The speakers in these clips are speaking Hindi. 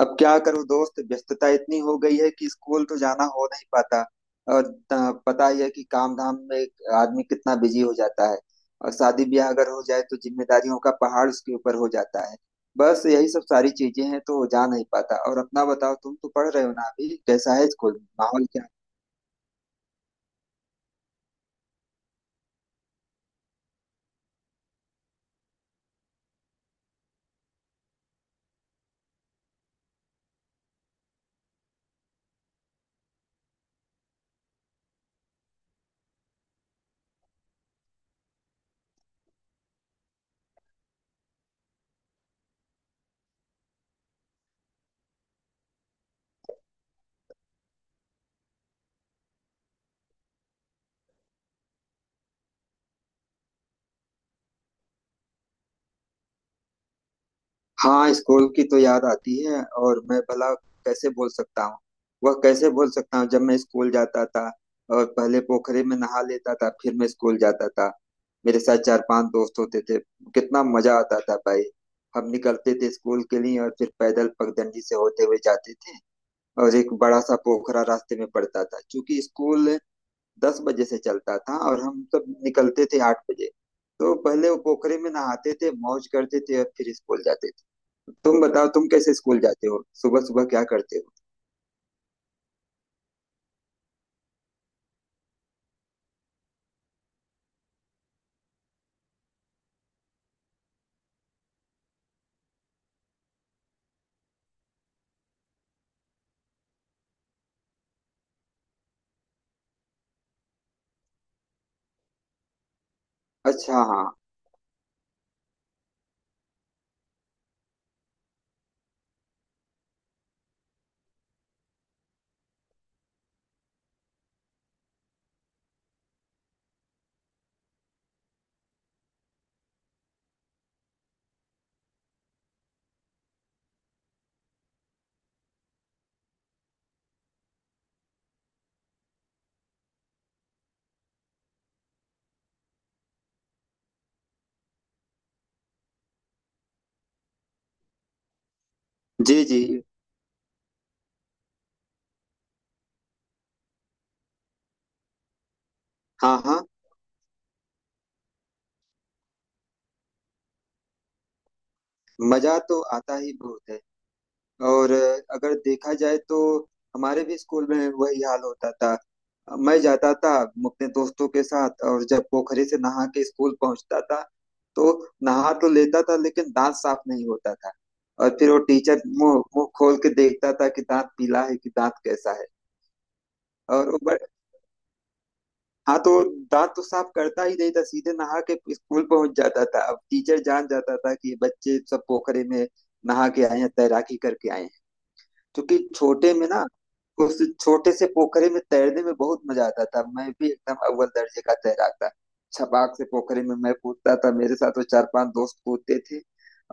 अब क्या करूं दोस्त। व्यस्तता इतनी हो गई है कि स्कूल तो जाना हो नहीं पाता। और पता ही है कि काम धाम में आदमी कितना बिजी हो जाता है। और शादी ब्याह अगर हो जाए तो जिम्मेदारियों का पहाड़ उसके ऊपर हो जाता है। बस यही सब सारी चीजें हैं तो जा नहीं पाता। और अपना बताओ, तुम तो पढ़ रहे हो ना अभी। कैसा है स्कूल? माहौल क्या है? हाँ, स्कूल की तो याद आती है। और मैं भला कैसे बोल सकता हूँ? वह कैसे बोल सकता हूँ जब मैं स्कूल जाता था और पहले पोखरे में नहा लेता था फिर मैं स्कूल जाता था। मेरे साथ चार पांच दोस्त होते थे। कितना मजा आता था भाई। हम निकलते थे स्कूल के लिए और फिर पैदल पगडंडी से होते हुए जाते थे। और एक बड़ा सा पोखरा रास्ते में पड़ता था क्योंकि स्कूल 10 बजे से चलता था और हम सब निकलते थे 8 बजे। तो पहले वो पोखरे में नहाते थे, मौज करते थे और फिर स्कूल जाते थे। तुम बताओ तुम कैसे स्कूल जाते हो, सुबह सुबह क्या करते हो? अच्छा। हाँ। जी जी। हाँ हाँ। मजा तो आता ही बहुत है। और अगर देखा जाए तो हमारे भी स्कूल में वही हाल होता था। मैं जाता था अपने दोस्तों के साथ। और जब पोखरे से नहा के स्कूल पहुंचता था तो नहा तो लेता था लेकिन दांत साफ नहीं होता था। और फिर वो टीचर मुंह मुंह खोल के देखता था कि दांत पीला है कि दांत कैसा है। और वो बड़े। हाँ, तो दांत तो साफ करता ही नहीं था, सीधे नहा के स्कूल पहुंच जाता था। अब टीचर जान जाता था कि ये बच्चे सब पोखरे में नहा के आए हैं, तैराकी करके आए हैं, क्योंकि छोटे में ना उस छोटे से पोखरे में तैरने में बहुत मजा आता था। मैं भी एकदम अव्वल दर्जे का तैराक था। छपाक से पोखरे में मैं कूदता था, मेरे साथ वो चार पांच दोस्त कूदते थे।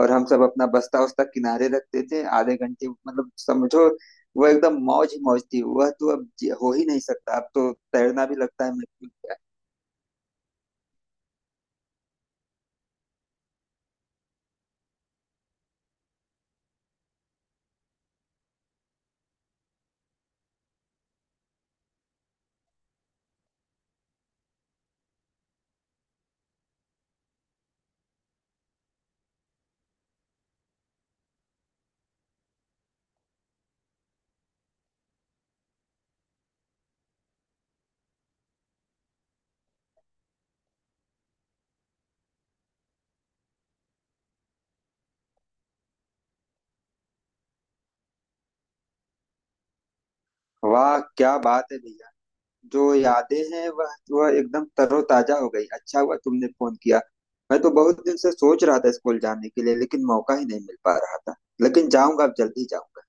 और हम सब अपना बस्ता उस्ता किनारे रखते थे आधे घंटे, मतलब समझो, वो एकदम मौज ही मौज थी। वह तो अब हो ही नहीं सकता। अब तो तैरना भी लगता है मैं। वाह क्या बात है भैया। जो यादें हैं वह एकदम तरोताजा हो गई। अच्छा हुआ तुमने फोन किया। मैं तो बहुत दिन से सोच रहा था स्कूल जाने के लिए, लेकिन मौका ही नहीं मिल पा रहा था। लेकिन जाऊंगा, अब जल्दी जाऊंगा।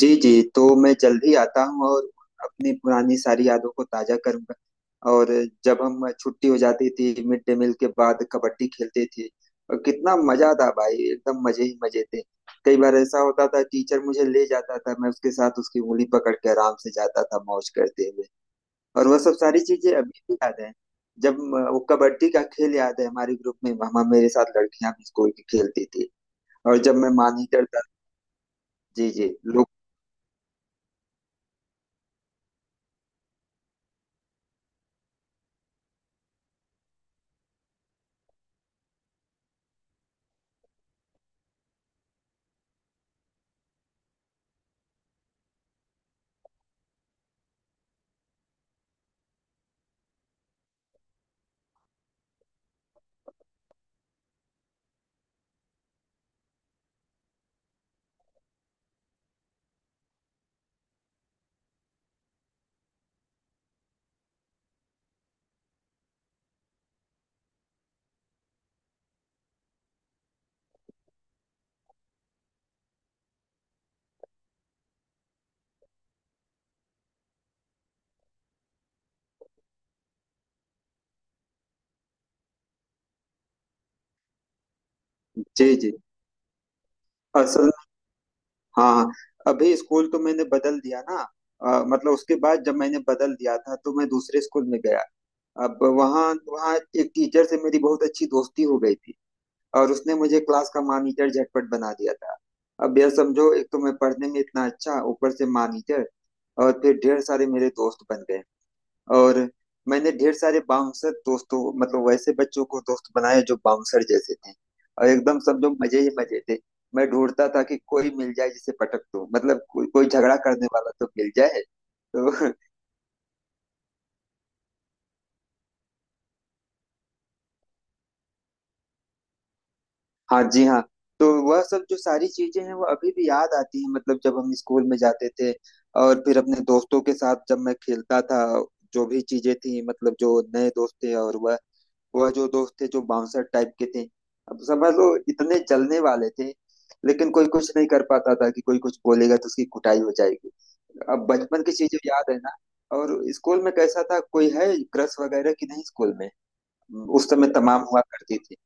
जी जी। तो मैं जल्द ही आता हूँ और अपनी पुरानी सारी यादों को ताजा करूंगा। और जब हम छुट्टी हो जाती थी मिड डे मील के बाद कबड्डी खेलते थे। और कितना मजा था भाई, एकदम मजे ही मजे थे। कई बार ऐसा होता था टीचर मुझे ले जाता था, मैं उसके साथ उसकी उंगली पकड़ के आराम से जाता था, मौज करते हुए। और वह सब सारी चीजें अभी भी याद है। जब वो कबड्डी का खेल याद है। हमारे ग्रुप में वहां मेरे साथ लड़कियां भी स्कूल की खेलती थी। और जब मैं मानिटर था। जी जी। लोग। जी जी। और सब। हाँ हाँ, अभी स्कूल तो मैंने बदल दिया ना। मतलब उसके बाद जब मैंने बदल दिया था तो मैं दूसरे स्कूल में गया। अब वहाँ वहाँ एक टीचर से मेरी बहुत अच्छी दोस्ती हो गई थी। और उसने मुझे क्लास का मॉनिटर झटपट बना दिया था। अब यह समझो, एक तो मैं पढ़ने में इतना अच्छा, ऊपर से मॉनिटर। और फिर ढेर सारे मेरे दोस्त बन गए। और मैंने ढेर सारे बाउंसर दोस्तों, मतलब वैसे बच्चों को दोस्त बनाए जो बाउंसर जैसे थे। और एकदम समझो मजे ही मजे थे। मैं ढूंढता था कि कोई मिल जाए जिसे पटक दो, मतलब कोई कोई झगड़ा करने वाला तो मिल जाए। तो हाँ जी, हाँ। तो वह सब जो सारी चीजें हैं वो अभी भी याद आती हैं, मतलब जब हम स्कूल में जाते थे और फिर अपने दोस्तों के साथ जब मैं खेलता था। जो भी चीजें थी, मतलब जो नए दोस्त थे, और वह जो दोस्त थे जो बाउंसर टाइप के थे, अब समझ लो इतने जलने वाले थे। लेकिन कोई कुछ नहीं कर पाता था कि कोई कुछ बोलेगा तो उसकी कुटाई हो जाएगी। अब बचपन की चीजें याद है ना। और स्कूल में कैसा था, कोई है क्रश वगैरह कि नहीं स्कूल में? उस समय तमाम हुआ करती थी।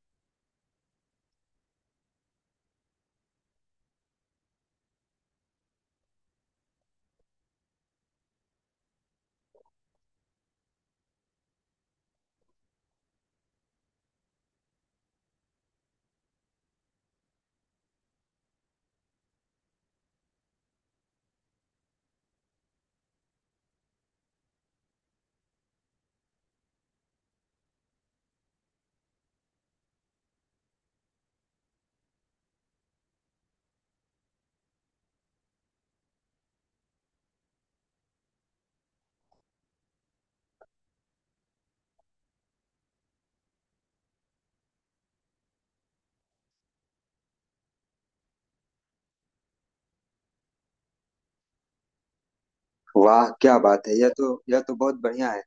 वाह क्या बात है, यह तो बहुत बढ़िया है।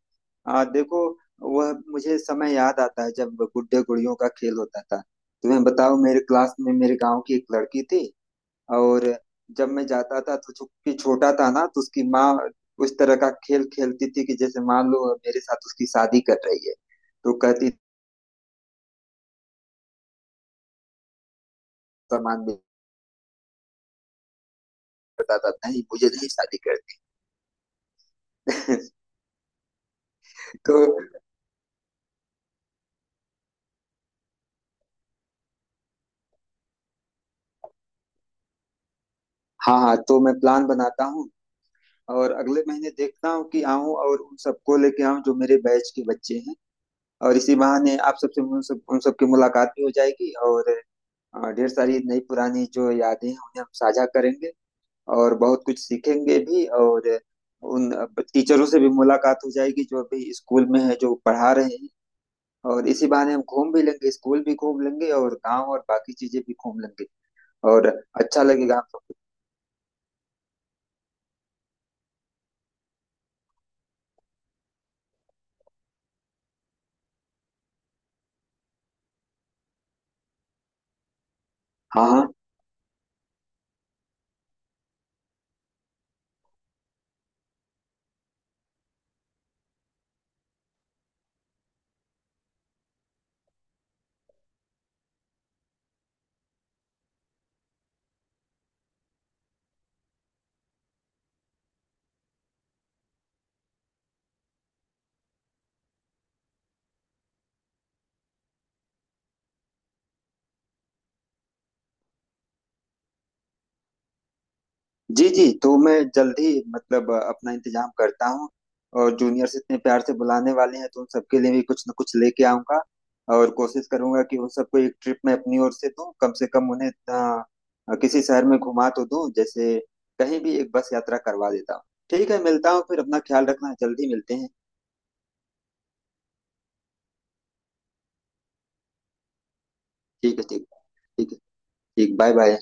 देखो, वह मुझे समय याद आता है जब गुड्डे गुड़ियों का खेल होता था। तुम्हें बताओ, मेरे क्लास में मेरे गांव की एक लड़की थी। और जब मैं जाता था तो चूंकि छोटा था ना तो उसकी माँ उस तरह का खेल खेलती थी कि जैसे मान लो मेरे साथ उसकी शादी कर रही है। तो कहती सामान में करता था, नहीं मुझे नहीं शादी करनी। तो। हाँ हाँ, तो मैं प्लान बनाता हूँ और अगले महीने देखता हूँ कि आऊँ और उन सबको लेके आऊँ जो मेरे बैच के बच्चे हैं। और इसी बहाने आप सबसे उन सबकी मुलाकात भी हो जाएगी। और ढेर सारी नई पुरानी जो यादें हैं उन्हें हम साझा करेंगे और बहुत कुछ सीखेंगे भी। और उन टीचरों से भी मुलाकात हो जाएगी जो अभी स्कूल में है, जो पढ़ा रहे हैं। और इसी बहाने हम घूम भी लेंगे, स्कूल भी घूम लेंगे और गांव और बाकी चीजें भी घूम लेंगे। और अच्छा लगेगा हम सबको। हाँ हाँ। जी जी, तो मैं जल्द ही मतलब अपना इंतजाम करता हूँ। और जूनियर्स इतने प्यार से बुलाने वाले हैं तो उन सबके लिए भी कुछ ना कुछ लेके आऊंगा। और कोशिश करूंगा कि उन सबको एक ट्रिप मैं अपनी ओर से दूं, कम से कम उन्हें किसी शहर में घुमा तो दूं। जैसे कहीं भी एक बस यात्रा करवा देता हूँ। ठीक है, मिलता हूँ फिर। अपना ख्याल रखना, जल्दी मिलते हैं। ठीक है। ठीक है। ठीक है। ठीक, बाय बाय।